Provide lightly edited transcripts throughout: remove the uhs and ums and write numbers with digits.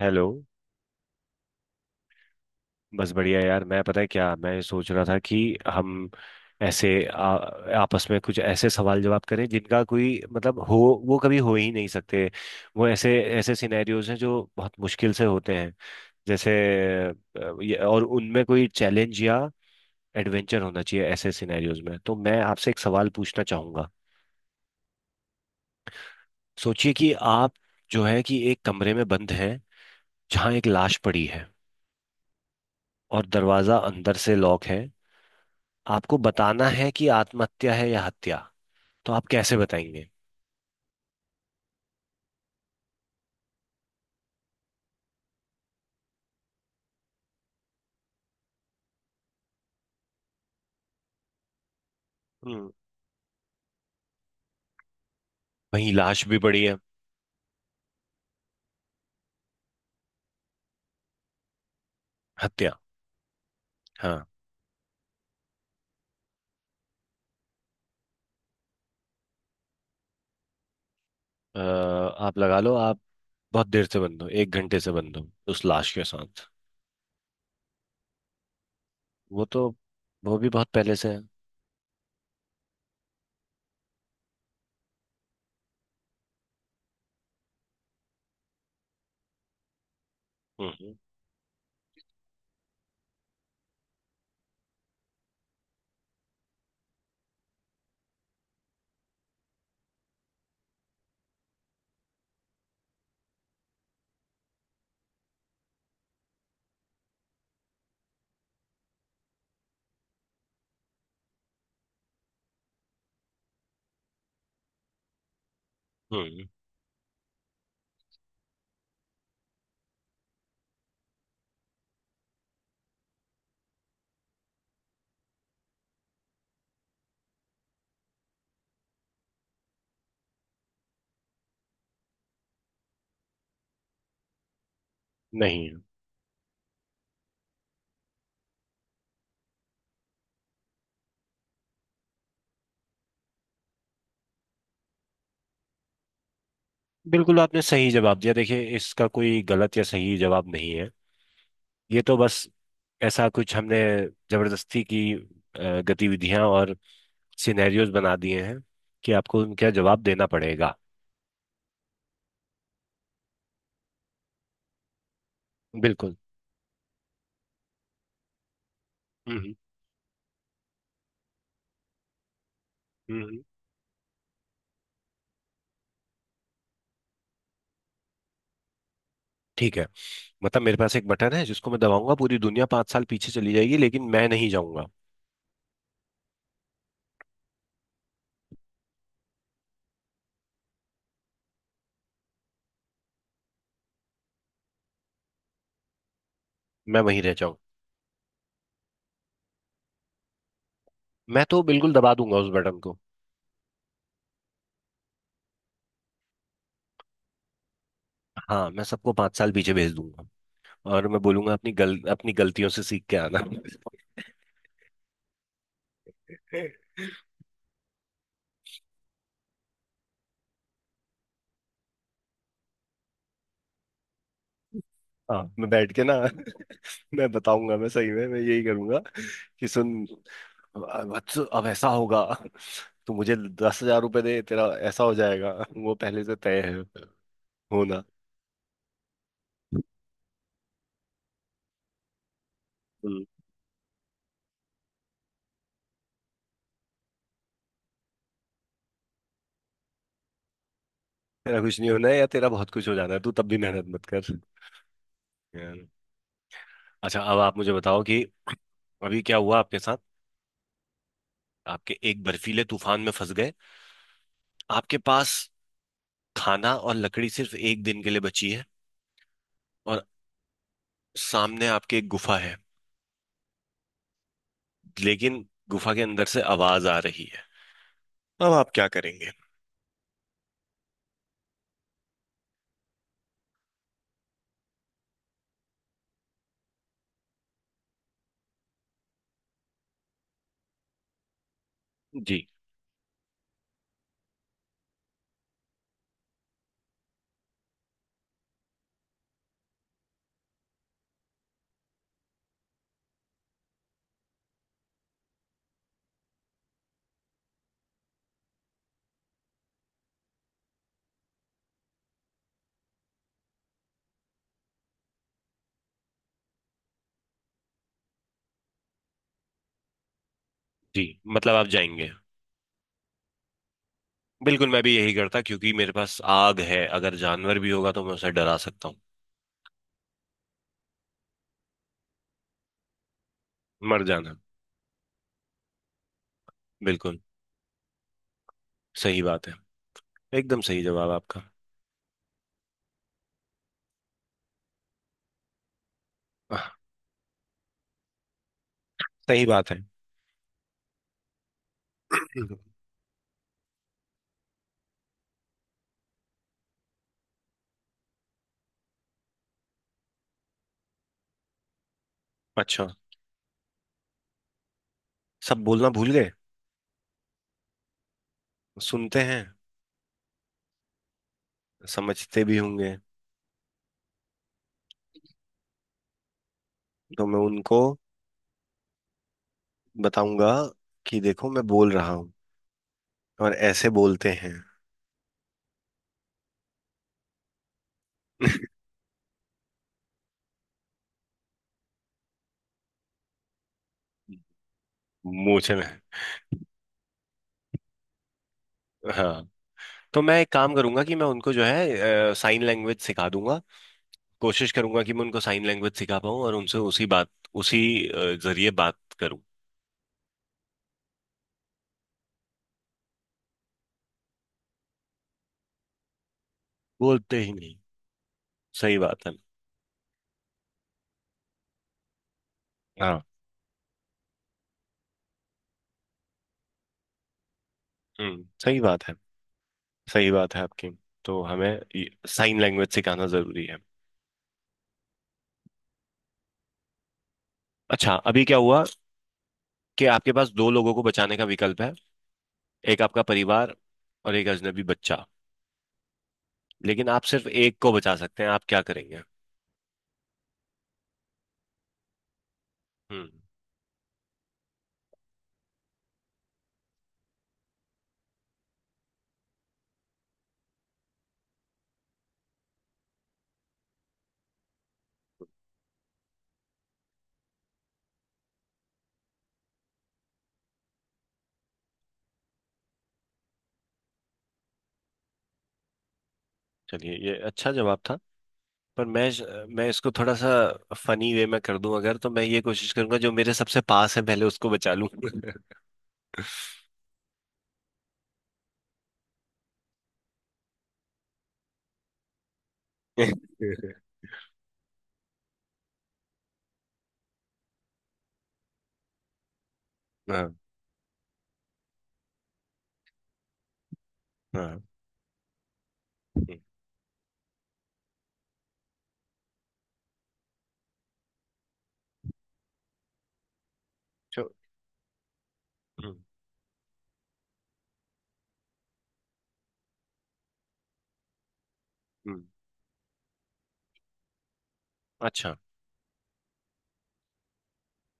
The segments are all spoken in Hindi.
हेलो। बस बढ़िया यार। मैं पता है क्या मैं सोच रहा था कि हम ऐसे आपस में कुछ ऐसे सवाल जवाब करें जिनका कोई मतलब हो, वो कभी हो ही नहीं सकते। वो ऐसे ऐसे सिनेरियोज हैं जो बहुत मुश्किल से होते हैं। जैसे और उनमें कोई चैलेंज या एडवेंचर होना चाहिए ऐसे सिनेरियोज में। तो मैं आपसे एक सवाल पूछना चाहूंगा। सोचिए कि आप जो है कि एक कमरे में बंद हैं, जहाँ एक लाश पड़ी है और दरवाजा अंदर से लॉक है। आपको बताना है कि आत्महत्या है या हत्या। तो आप कैसे बताएंगे? हम्म। वहीं लाश भी पड़ी है। हत्या। हाँ। आप लगा लो, आप बहुत देर से बंद हो, एक घंटे से बंद हो उस लाश के साथ। वो तो वो भी बहुत पहले से है। हम्म। हम्म। नहीं है। बिल्कुल आपने सही जवाब दिया। देखिए इसका कोई गलत या सही जवाब नहीं है। ये तो बस ऐसा कुछ हमने जबरदस्ती की गतिविधियां और सिनेरियोज बना दिए हैं कि आपको उनका जवाब देना पड़ेगा। बिल्कुल। हम्म। हम्म। ठीक है। मतलब मेरे पास एक बटन है जिसको मैं दबाऊंगा, पूरी दुनिया 5 साल पीछे चली जाएगी, लेकिन मैं नहीं जाऊंगा। मैं वहीं रह जाऊं। मैं तो बिल्कुल दबा दूंगा उस बटन को। हाँ, मैं सबको 5 साल पीछे भेज दूंगा। और मैं बोलूंगा अपनी गल अपनी गलतियों से सीख के आना। हाँ, मैं बैठ के ना मैं बताऊंगा, मैं सही में मैं यही करूंगा कि सुन वत्स, अब ऐसा होगा। तो मुझे 10,000 रुपये दे, तेरा ऐसा हो जाएगा। वो पहले से तय है होना। तेरा कुछ नहीं होना है, या तेरा बहुत कुछ हो जाना है, तू तब भी मेहनत मत कर। यार, अच्छा अब आप मुझे बताओ कि अभी क्या हुआ आपके साथ। आपके एक बर्फीले तूफान में फंस गए। आपके पास खाना और लकड़ी सिर्फ एक दिन के लिए बची है, और सामने आपके एक गुफा है, लेकिन गुफा के अंदर से आवाज आ रही है। अब आप क्या करेंगे? जी। जी। मतलब आप जाएंगे? बिल्कुल, मैं भी यही करता क्योंकि मेरे पास आग है, अगर जानवर भी होगा तो मैं उसे डरा सकता हूँ। मर जाना। बिल्कुल सही बात है। एकदम सही जवाब आपका। सही बात है। अच्छा। सब बोलना भूल गए? सुनते हैं। समझते भी होंगे? तो मैं उनको बताऊंगा कि देखो, मैं बोल रहा हूँ और ऐसे बोलते हैं। मूंछ में। हाँ, तो मैं एक काम करूंगा कि मैं उनको जो है साइन लैंग्वेज सिखा दूंगा। कोशिश करूंगा कि मैं उनको साइन लैंग्वेज सिखा पाऊँ और उनसे उसी जरिए बात करूं। बोलते ही नहीं। सही बात है। हाँ। हम्म। सही बात है। सही बात है आपकी। तो हमें साइन लैंग्वेज सिखाना जरूरी है। अच्छा, अभी क्या हुआ कि आपके पास दो लोगों को बचाने का विकल्प है, एक आपका परिवार और एक अजनबी बच्चा, लेकिन आप सिर्फ एक को बचा सकते हैं। आप क्या करेंगे? हम्म। चलिए, ये अच्छा जवाब था। पर मैं इसको थोड़ा सा फनी वे में कर दूं, अगर तो मैं ये कोशिश करूंगा जो मेरे सबसे पास है पहले उसको बचा लूं। हाँ। हाँ। हम्म। चो- हम्म। हम्म। अच्छा।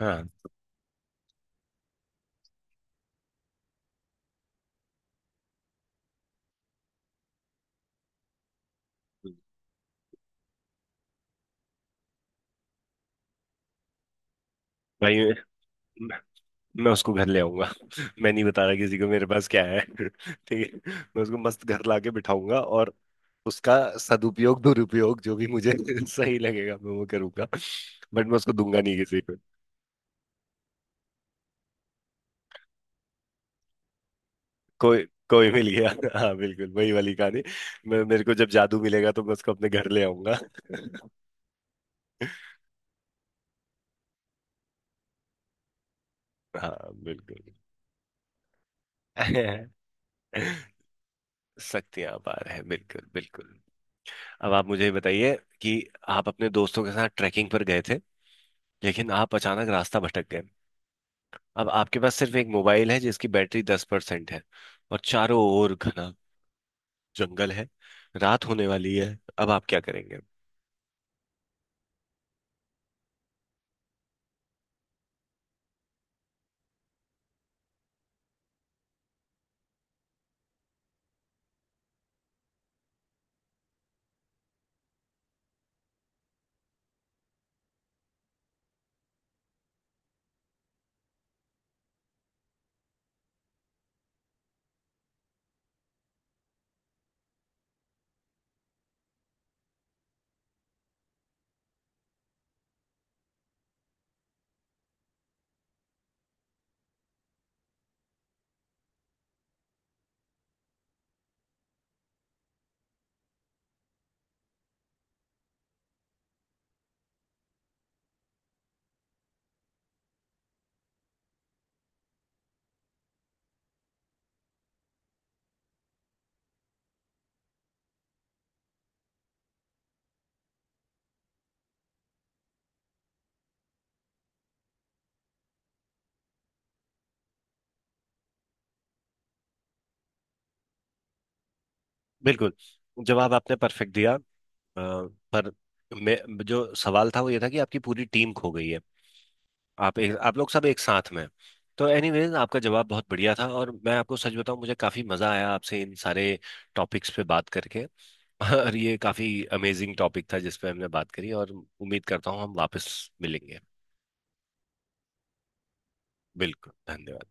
हाँ। हम्म। भाई, मैं उसको घर ले आऊंगा। मैं नहीं बता रहा किसी को मेरे पास क्या है। ठीक है, मैं उसको मस्त घर लाके बिठाऊंगा और उसका सदुपयोग दुरुपयोग जो भी मुझे सही लगेगा मैं वो करूंगा। बट मैं उसको दूंगा नहीं किसी को। कोई कोई मिल गया। हाँ, बिल्कुल वही वाली कहानी। मैं मेरे को जब जादू मिलेगा तो मैं उसको अपने घर ले आऊंगा। हाँ बिल्कुल। शक्तियां अपार है, बिल्कुल बिल्कुल। अब आप मुझे ये बताइए कि आप अपने दोस्तों के साथ ट्रैकिंग पर गए थे, लेकिन आप अचानक रास्ता भटक गए। अब आपके पास सिर्फ एक मोबाइल है जिसकी बैटरी 10% है, और चारों ओर घना जंगल है, रात होने वाली है। अब आप क्या करेंगे? बिल्कुल, जवाब आपने परफेक्ट दिया। पर मैं, जो सवाल था वो ये था कि आपकी पूरी टीम खो गई है। आप लोग सब एक साथ में हैं। तो एनीवेज आपका जवाब बहुत बढ़िया था, और मैं आपको सच बताऊं मुझे काफी मजा आया आपसे इन सारे टॉपिक्स पे बात करके। और ये काफी अमेजिंग टॉपिक था जिस पे हमने बात करी, और उम्मीद करता हूँ हम वापस मिलेंगे। बिल्कुल। धन्यवाद।